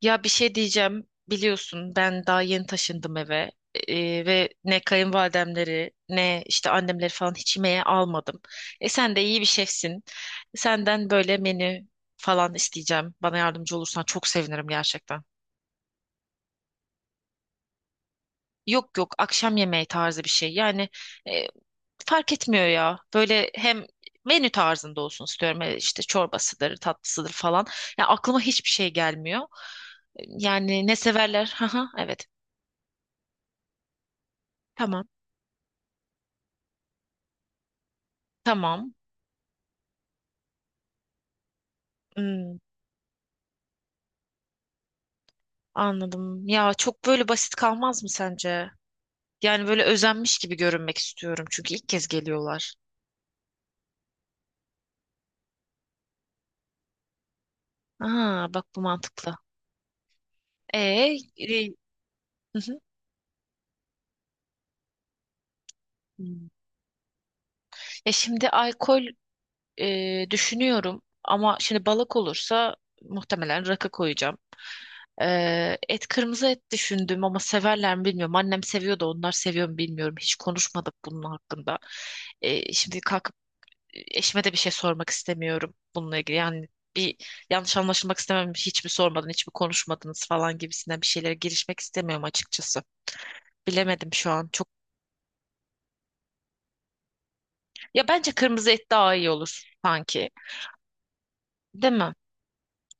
Ya bir şey diyeceğim. Biliyorsun ben daha yeni taşındım eve. Ve ne kayınvalidemleri ne işte annemleri falan hiç yemeğe almadım. E sen de iyi bir şefsin. Senden böyle menü falan isteyeceğim. Bana yardımcı olursan çok sevinirim gerçekten. Yok yok, akşam yemeği tarzı bir şey. Yani e, fark etmiyor ya. Böyle hem menü tarzında olsun istiyorum. İşte çorbasıdır, tatlısıdır falan. Ya aklıma hiçbir şey gelmiyor. Yani ne severler? Haha, evet. Tamam. Tamam. Hmm, anladım. Ya çok böyle basit kalmaz mı sence? Yani böyle özenmiş gibi görünmek istiyorum çünkü ilk kez geliyorlar. Aa, bak bu mantıklı. E, e, hı hı. Hmm. Şimdi alkol düşünüyorum ama şimdi balık olursa muhtemelen rakı koyacağım. Et, kırmızı et düşündüm ama severler mi bilmiyorum. Annem seviyor da onlar seviyor mu bilmiyorum. Hiç konuşmadık bunun hakkında. Şimdi kalkıp eşime de bir şey sormak istemiyorum bununla ilgili. Yani bir yanlış anlaşılmak istemem. Hiç mi sormadın, hiç mi konuşmadınız falan gibisinden bir şeylere girişmek istemiyorum açıkçası. Bilemedim şu an çok. Ya bence kırmızı et daha iyi olur sanki. Değil mi?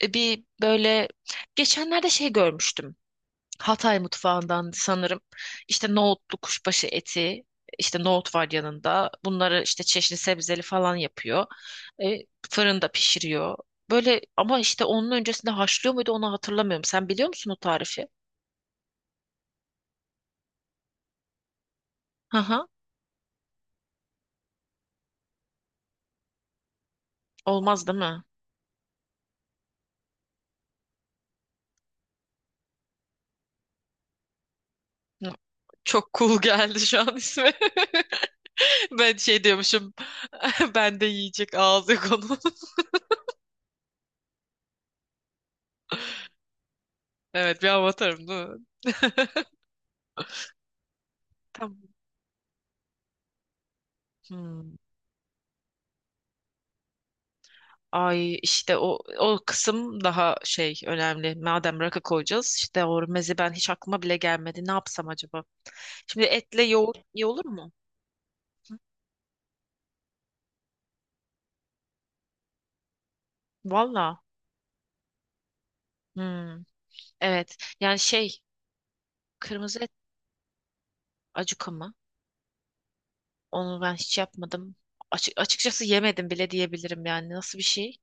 Bir böyle geçenlerde şey görmüştüm. Hatay mutfağından sanırım. İşte nohutlu kuşbaşı eti, işte nohut var yanında. Bunları işte çeşni sebzeli falan yapıyor. E, Fırında pişiriyor. Böyle ama işte onun öncesinde haşlıyor muydu onu hatırlamıyorum. Sen biliyor musun o tarifi? Hı hı. Olmaz değil mi? Hı. Çok cool geldi şu an ismi. Ben şey diyormuşum. Ben de yiyecek ağzı konu. Evet bir avatarım değil mi? Tamam. Hmm. Ay işte o kısım daha şey önemli. Madem rakı koyacağız, işte o meze ben hiç aklıma bile gelmedi. Ne yapsam acaba? Şimdi etle yoğurt iyi olur mu? Valla. Hmm, evet. Yani şey, kırmızı et acuka mı? Onu ben hiç yapmadım. Açıkçası yemedim bile diyebilirim yani. Nasıl bir şey?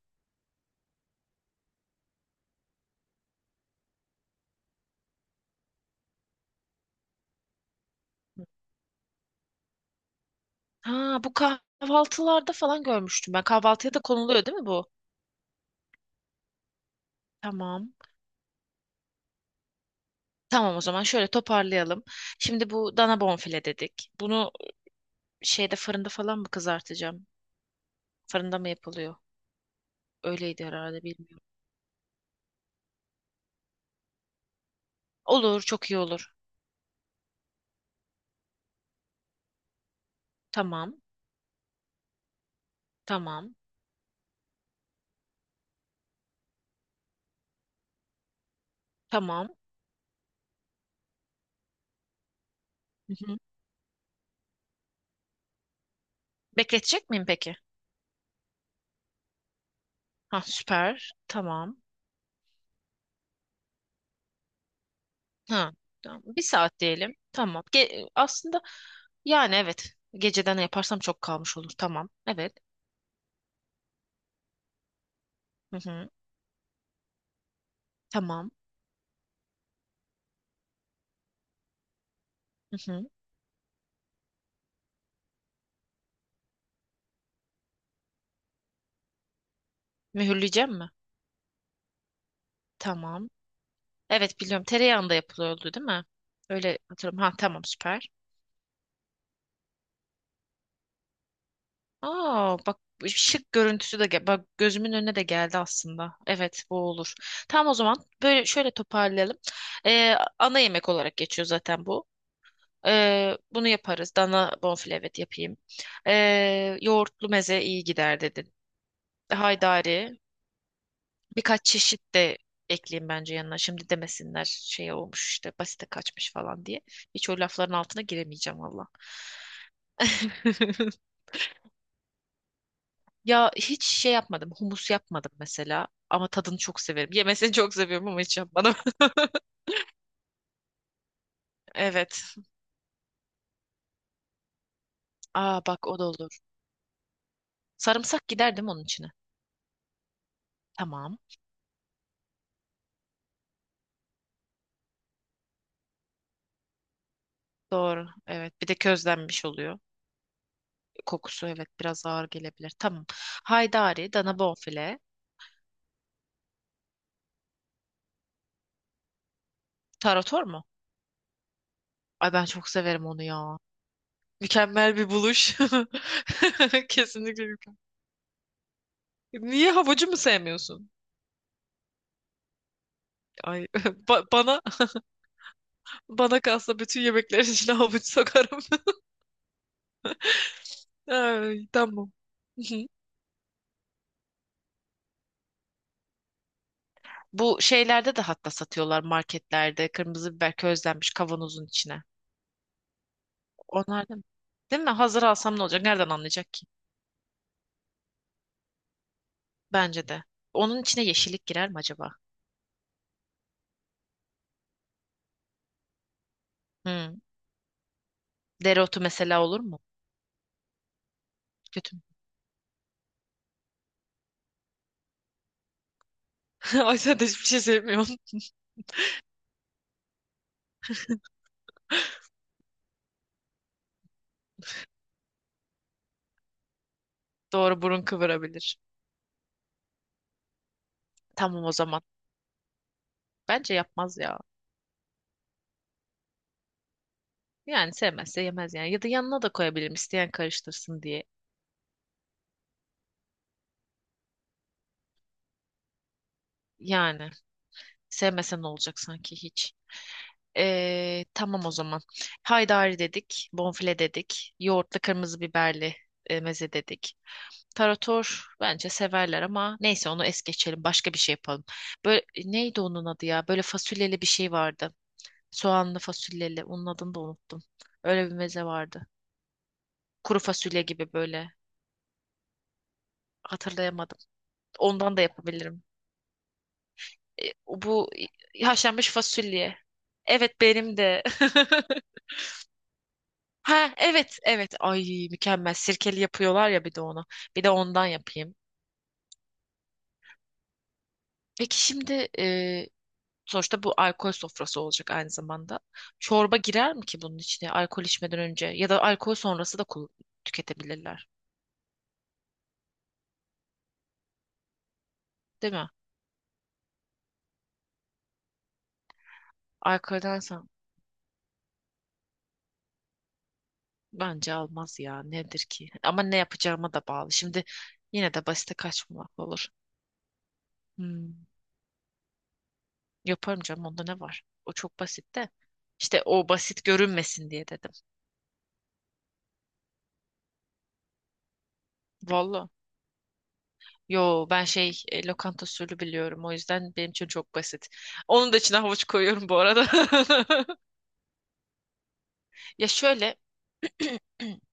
Ha, bu kahvaltılarda falan görmüştüm ben. Kahvaltıya da konuluyor değil mi bu? Tamam. Tamam, o zaman şöyle toparlayalım. Şimdi bu dana bonfile dedik. Bunu şeyde, fırında falan mı kızartacağım? Fırında mı yapılıyor? Öyleydi herhalde, bilmiyorum. Olur, çok iyi olur. Tamam, tamam, tamam. Hı hı. Bekletecek miyim peki? Ha, süper. Tamam. Ha, tamam. Bir saat diyelim. Tamam. Aslında, yani evet. Geceden yaparsam çok kalmış olur. Tamam. Evet. Hı hı. Tamam. Hı hı. Mühürleyeceğim mi? Tamam. Evet, biliyorum. Tereyağında yapılıyordu değil mi? Öyle hatırlıyorum. Ha, tamam, süper. Aa, bak şık görüntüsü de gel bak gözümün önüne de geldi aslında. Evet, bu olur. Tamam, o zaman böyle şöyle toparlayalım. Ee, Ana yemek olarak geçiyor zaten bu. Bunu yaparız. Dana bonfile, evet, yapayım. Yoğurtlu meze iyi gider dedin. Haydari, birkaç çeşit de ekleyeyim bence yanına. Şimdi demesinler şey olmuş işte, basite kaçmış falan diye. Hiç o lafların altına giremeyeceğim valla. Ya hiç şey yapmadım. Humus yapmadım mesela. Ama tadını çok severim. Yemesini çok seviyorum ama hiç yapmadım. Evet. Aa, bak o da olur. Sarımsak gider değil mi onun içine? Tamam. Doğru. Evet. Bir de közlenmiş oluyor. Kokusu, evet, biraz ağır gelebilir. Tamam. Haydari, dana bonfile. Tarator mu? Ay, ben çok severim onu ya. Mükemmel bir buluş. Kesinlikle mükemmel. Niye, havucu mu sevmiyorsun? Ay, ba- bana bana kalsa bütün yemeklerin içine havuç sokarım. Ay, tamam. Hı hı. Bu şeylerde de hatta satıyorlar marketlerde. Kırmızı biber, közlenmiş, kavanozun içine. Onlar da mı? Değil mi? Hazır alsam ne olacak? Nereden anlayacak ki? Bence de. Onun içine yeşillik girer mi acaba? Hmm. Dereotu mesela olur mu? Kötü mü? Ay, sen de hiçbir şey sevmiyorsun. Doğru, burun kıvırabilir. Tamam, o zaman. Bence yapmaz ya. Yani sevmezse yemez yani. Ya da yanına da koyabilirim, isteyen karıştırsın diye. Yani. Sevmesen ne olacak sanki hiç. Tamam, o zaman. Haydari dedik, bonfile dedik, yoğurtlu kırmızı biberli meze dedik. Tarator bence severler ama neyse, onu es geçelim. Başka bir şey yapalım. Böyle neydi onun adı ya? Böyle fasulyeli bir şey vardı. Soğanlı fasulyeli. Onun adını da unuttum. Öyle bir meze vardı. Kuru fasulye gibi böyle. Hatırlayamadım. Ondan da yapabilirim. Bu haşlanmış fasulye. Evet, benim de. Ha, evet evet, ay mükemmel, sirkeli yapıyorlar ya, bir de onu, bir de ondan yapayım. Peki şimdi sonuçta bu alkol sofrası olacak aynı zamanda. Çorba girer mi ki bunun içine alkol içmeden önce, ya da alkol sonrası da tüketebilirler değil mi? Alkolden sonra bence almaz ya, nedir ki ama ne yapacağıma da bağlı. Şimdi yine de basite kaçmamak olur. Hmm, yaparım canım, onda ne var? O çok basit de, İşte o basit görünmesin diye dedim. Vallahi. Yo, ben şey, lokanta usulü biliyorum, o yüzden benim için çok basit. Onun da içine havuç koyuyorum bu arada. Ya şöyle,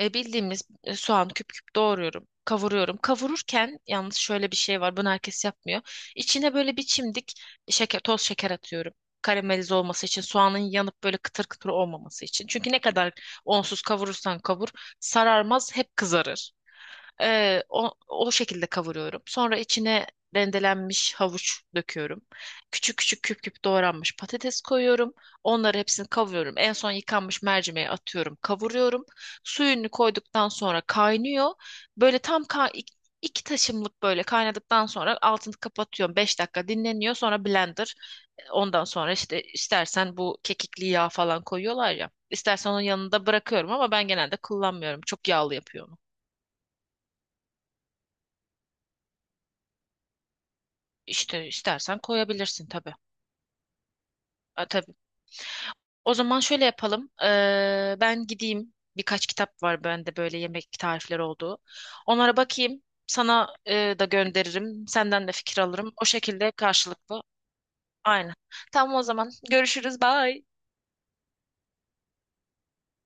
bildiğimiz soğan, küp küp doğruyorum. Kavuruyorum. Kavururken yalnız şöyle bir şey var. Bunu herkes yapmıyor. İçine böyle bir çimdik şeker, toz şeker atıyorum. Karamelize olması için, soğanın yanıp böyle kıtır kıtır olmaması için. Çünkü ne kadar onsuz kavurursan kavur, sararmaz, hep kızarır. O şekilde kavuruyorum. Sonra içine rendelenmiş havuç döküyorum. Küçük küçük, küp küp doğranmış patates koyuyorum. Onları hepsini kavuruyorum. En son yıkanmış mercimeği atıyorum, kavuruyorum. Suyunu koyduktan sonra kaynıyor. Böyle tam iki taşımlık böyle kaynadıktan sonra altını kapatıyorum. 5 dakika dinleniyor. Sonra blender. Ondan sonra işte istersen bu kekikli yağ falan koyuyorlar ya. İstersen onun yanında bırakıyorum ama ben genelde kullanmıyorum. Çok yağlı yapıyorum. İşte istersen koyabilirsin tabii. Ha, tabii. O zaman şöyle yapalım. Ben gideyim. Birkaç kitap var bende böyle yemek tarifleri olduğu. Onlara bakayım. Sana da gönderirim. Senden de fikir alırım. O şekilde, karşılıklı. Aynen. Tamam, o zaman. Görüşürüz. Bye.